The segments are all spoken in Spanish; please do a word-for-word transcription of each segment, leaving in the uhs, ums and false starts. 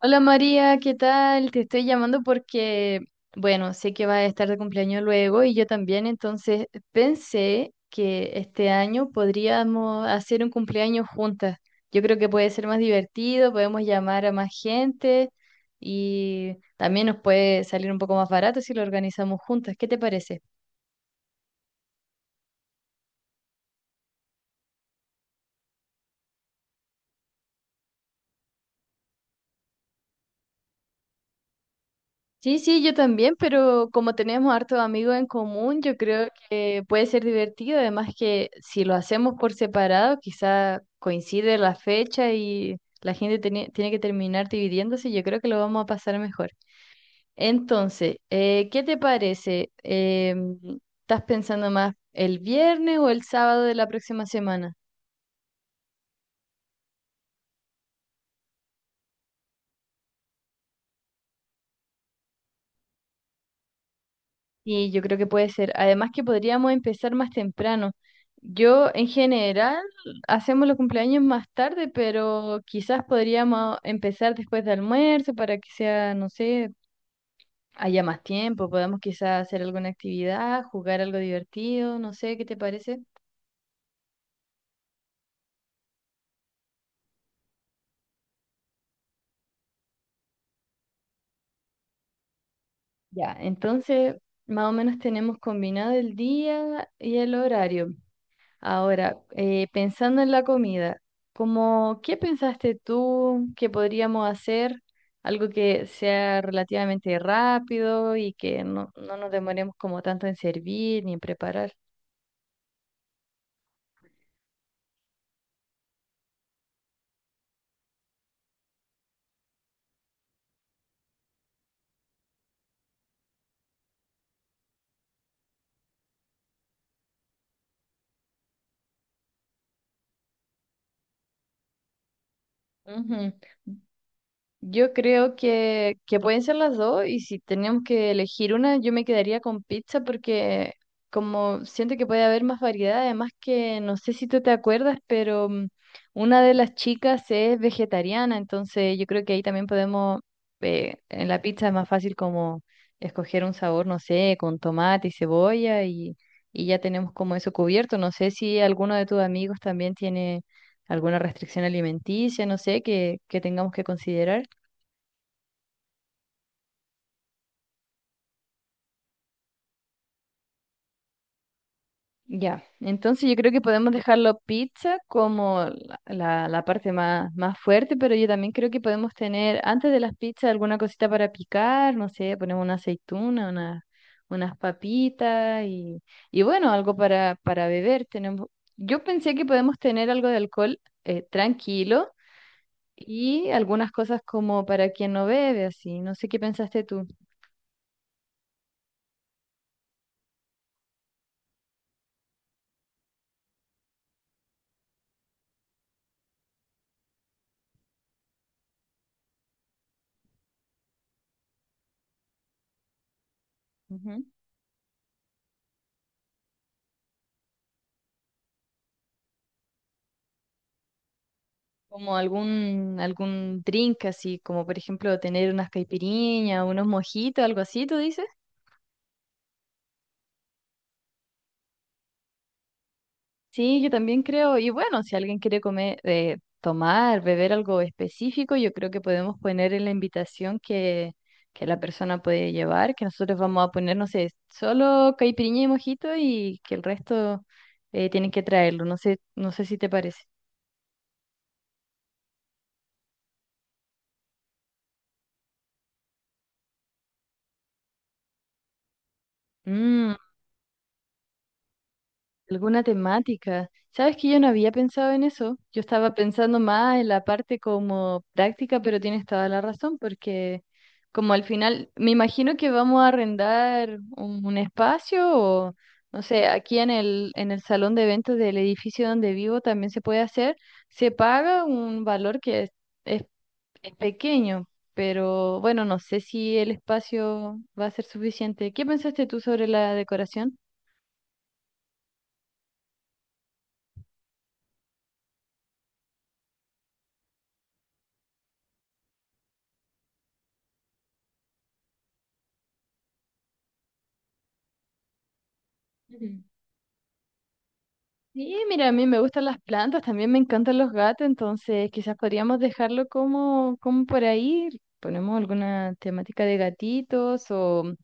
Hola María, ¿qué tal? Te estoy llamando porque, bueno, sé que vas a estar de cumpleaños luego y yo también, entonces pensé que este año podríamos hacer un cumpleaños juntas. Yo creo que puede ser más divertido, podemos llamar a más gente y también nos puede salir un poco más barato si lo organizamos juntas. ¿Qué te parece? Sí, sí, yo también, pero como tenemos hartos amigos en común, yo creo que puede ser divertido. Además que si lo hacemos por separado, quizá coincide la fecha y la gente tiene, tiene que terminar dividiéndose. Yo creo que lo vamos a pasar mejor. Entonces, eh, ¿qué te parece? Em, ¿estás pensando más el viernes o el sábado de la próxima semana? Sí, yo creo que puede ser. Además que podríamos empezar más temprano. Yo en general hacemos los cumpleaños más tarde, pero quizás podríamos empezar después de almuerzo para que sea, no sé, haya más tiempo. Podamos quizás hacer alguna actividad, jugar algo divertido, no sé, ¿qué te parece? Ya, entonces más o menos tenemos combinado el día y el horario. Ahora, eh, pensando en la comida, como, ¿qué pensaste tú que podríamos hacer? Algo que sea relativamente rápido y que no, no nos demoremos como tanto en servir ni en preparar. Ujú. Yo creo que, que pueden ser las dos y si tenemos que elegir una, yo me quedaría con pizza porque como siento que puede haber más variedad, además que no sé si tú te acuerdas, pero mm, una de las chicas es vegetariana, entonces yo creo que ahí también podemos, eh, en la pizza es más fácil como escoger un sabor, no sé, con tomate y cebolla y, y ya tenemos como eso cubierto. No sé si alguno de tus amigos también tiene alguna restricción alimenticia, no sé, que, que tengamos que considerar. Ya, entonces yo creo que podemos dejarlo pizza como la, la- la parte más, más fuerte, pero yo también creo que podemos tener antes de las pizzas alguna cosita para picar, no sé, ponemos una aceituna, una, unas papitas y, y bueno, algo para, para beber. Tenemos, yo pensé que podemos tener algo de alcohol eh, tranquilo y algunas cosas como para quien no bebe, así, no sé qué pensaste tú. Ujú. Como algún, algún drink así, como por ejemplo tener unas caipirinhas, unos mojitos, algo así, ¿tú dices? Sí, yo también creo, y bueno, si alguien quiere comer, eh, tomar, beber algo específico, yo creo que podemos poner en la invitación que, que la persona puede llevar, que nosotros vamos a poner, no sé, solo caipirinha y mojito y que el resto eh, tienen que traerlo, no sé, no sé si te parece. Mm. Alguna temática. Sabes que yo no había pensado en eso. Yo estaba pensando más en la parte como práctica, pero tienes toda la razón, porque como al final, me imagino que vamos a arrendar un, un espacio o, no sé, aquí en el, en el salón de eventos del edificio donde vivo también se puede hacer. Se paga un valor que es, es es pequeño, pero bueno, no sé si el espacio va a ser suficiente. ¿Qué pensaste tú sobre la decoración? Ujú. Sí, mira, a mí me gustan las plantas, también me encantan los gatos, entonces quizás podríamos dejarlo como, como por ahí. Ponemos alguna temática de gatitos o,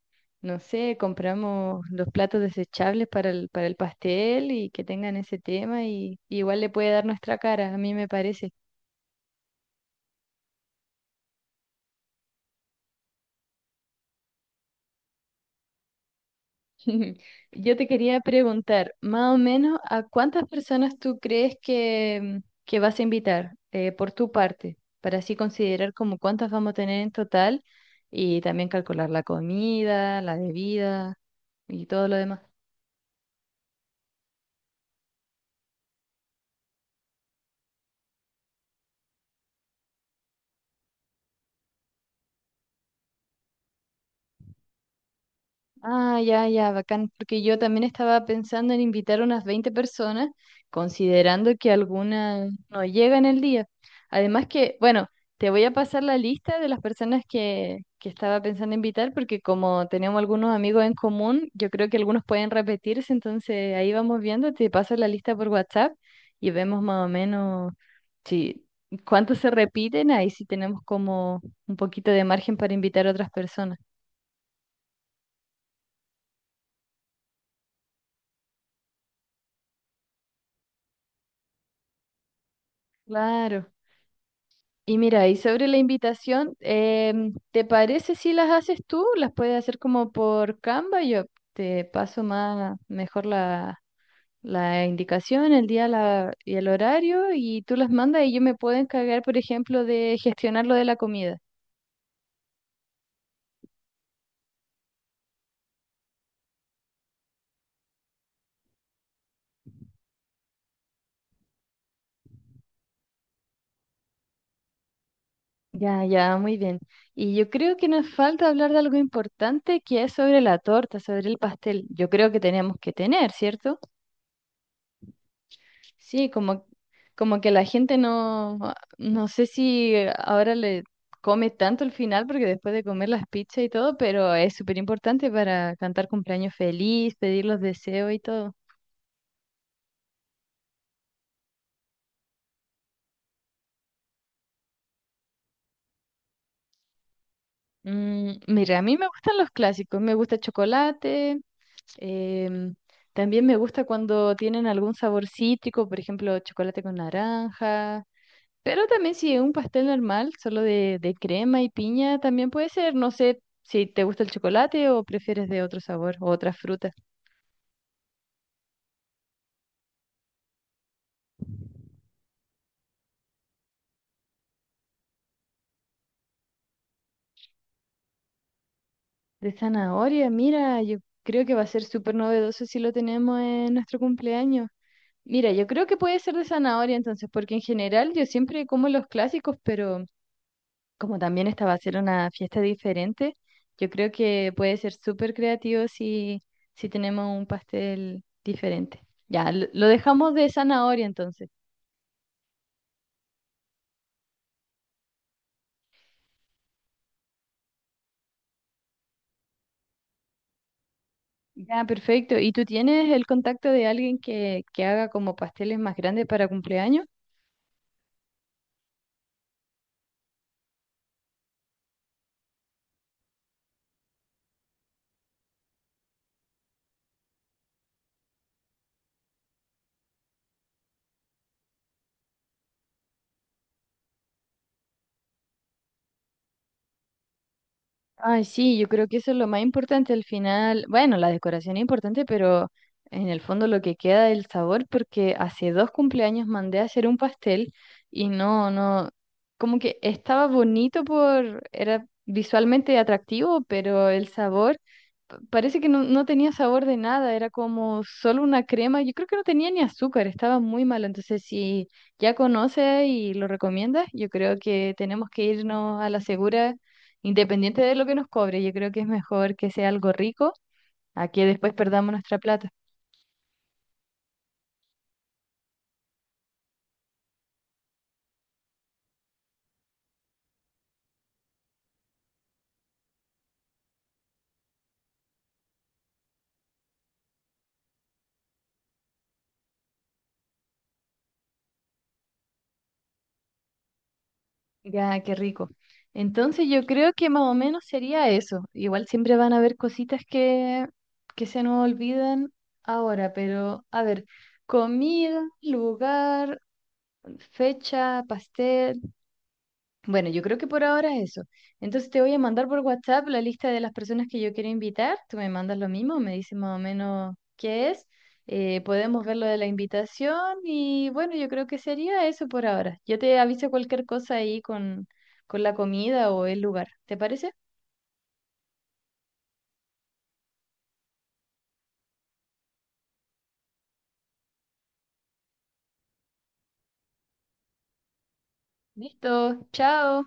no sé, compramos los platos desechables para el, para el pastel y que tengan ese tema y y igual le puede dar nuestra cara, a mí me parece. Yo te quería preguntar, más o menos, ¿a cuántas personas tú crees que, mm, que vas a invitar eh, por tu parte? Para así considerar como cuántas vamos a tener en total y también calcular la comida, la bebida y todo lo demás. Ah, ya, ya, bacán, porque yo también estaba pensando en invitar unas veinte personas, considerando que algunas no llegan el día. Además que, bueno, te voy a pasar la lista de las personas que, que estaba pensando invitar, porque como tenemos algunos amigos en común, yo creo que algunos pueden repetirse, entonces ahí vamos viendo, te paso la lista por WhatsApp y vemos más o menos si cuántos se repiten, ahí sí tenemos como un poquito de margen para invitar a otras personas. Claro. Y mira, y sobre la invitación, em, ¿te parece si las haces tú? ¿Las puedes hacer como por Canva? Yo te paso más, mejor la, la indicación, el día la- y el horario, y tú las mandas y yo me puedo encargar, por ejemplo, de gestionar lo de la comida. Ya, ya, muy bien. Y yo creo que nos falta hablar de algo importante que es sobre la torta, sobre el pastel. Yo creo que tenemos que tener, ¿cierto? Sí, como, como que la gente no, no sé si ahora le come tanto el final, porque después de comer las pizzas y todo, pero es súper importante para cantar cumpleaños feliz, pedir los deseos y todo. Mm, mira, a mí me gustan los clásicos, me gusta chocolate, em, también me gusta cuando tienen algún sabor cítrico, por ejemplo, chocolate con naranja, pero también si es un pastel normal, solo de, de crema y piña, también puede ser. No sé si te gusta el chocolate o prefieres de otro sabor o otras frutas. De zanahoria, mira, yo creo que va a ser súper novedoso si lo tenemos en nuestro cumpleaños. Mira, yo creo que puede ser de zanahoria entonces, porque en general yo siempre como los clásicos, pero como también esta va a ser una fiesta diferente, yo creo que puede ser súper creativo si, si tenemos un pastel diferente. Ya, lo lo dejamos de zanahoria entonces. Ya, perfecto. ¿Y tú tienes el contacto de alguien que, que haga como pasteles más grandes para cumpleaños? Ay, sí, yo creo que eso es lo más importante al final. Bueno, la decoración es importante, pero en el fondo lo que queda es el sabor, porque hace dos cumpleaños mandé a hacer un pastel y no, no, como que estaba bonito por, era visualmente atractivo, pero el sabor pa- parece que no, no tenía sabor de nada, era como solo una crema. Yo creo que no tenía ni azúcar, estaba muy malo. Entonces, si ya conoces y lo recomiendas, yo creo que tenemos que irnos a la segura. Independiente de lo que nos cobre, yo creo que es mejor que sea algo rico a que después perdamos nuestra plata. Ya, qué rico. Entonces yo creo que más o menos sería eso. Igual siempre van a haber cositas que, que se nos olvidan ahora, pero a ver, comida, lugar, fecha, pastel. Bueno, yo creo que por ahora eso. Entonces te voy a mandar por WhatsApp la lista de las personas que yo quiero invitar. Tú me mandas lo mismo, me dices más o menos qué es. Eh, podemos ver lo de la invitación y bueno, yo creo que sería eso por ahora. Yo te aviso cualquier cosa ahí con, con la comida o el lugar. ¿Te parece? Listo, chao.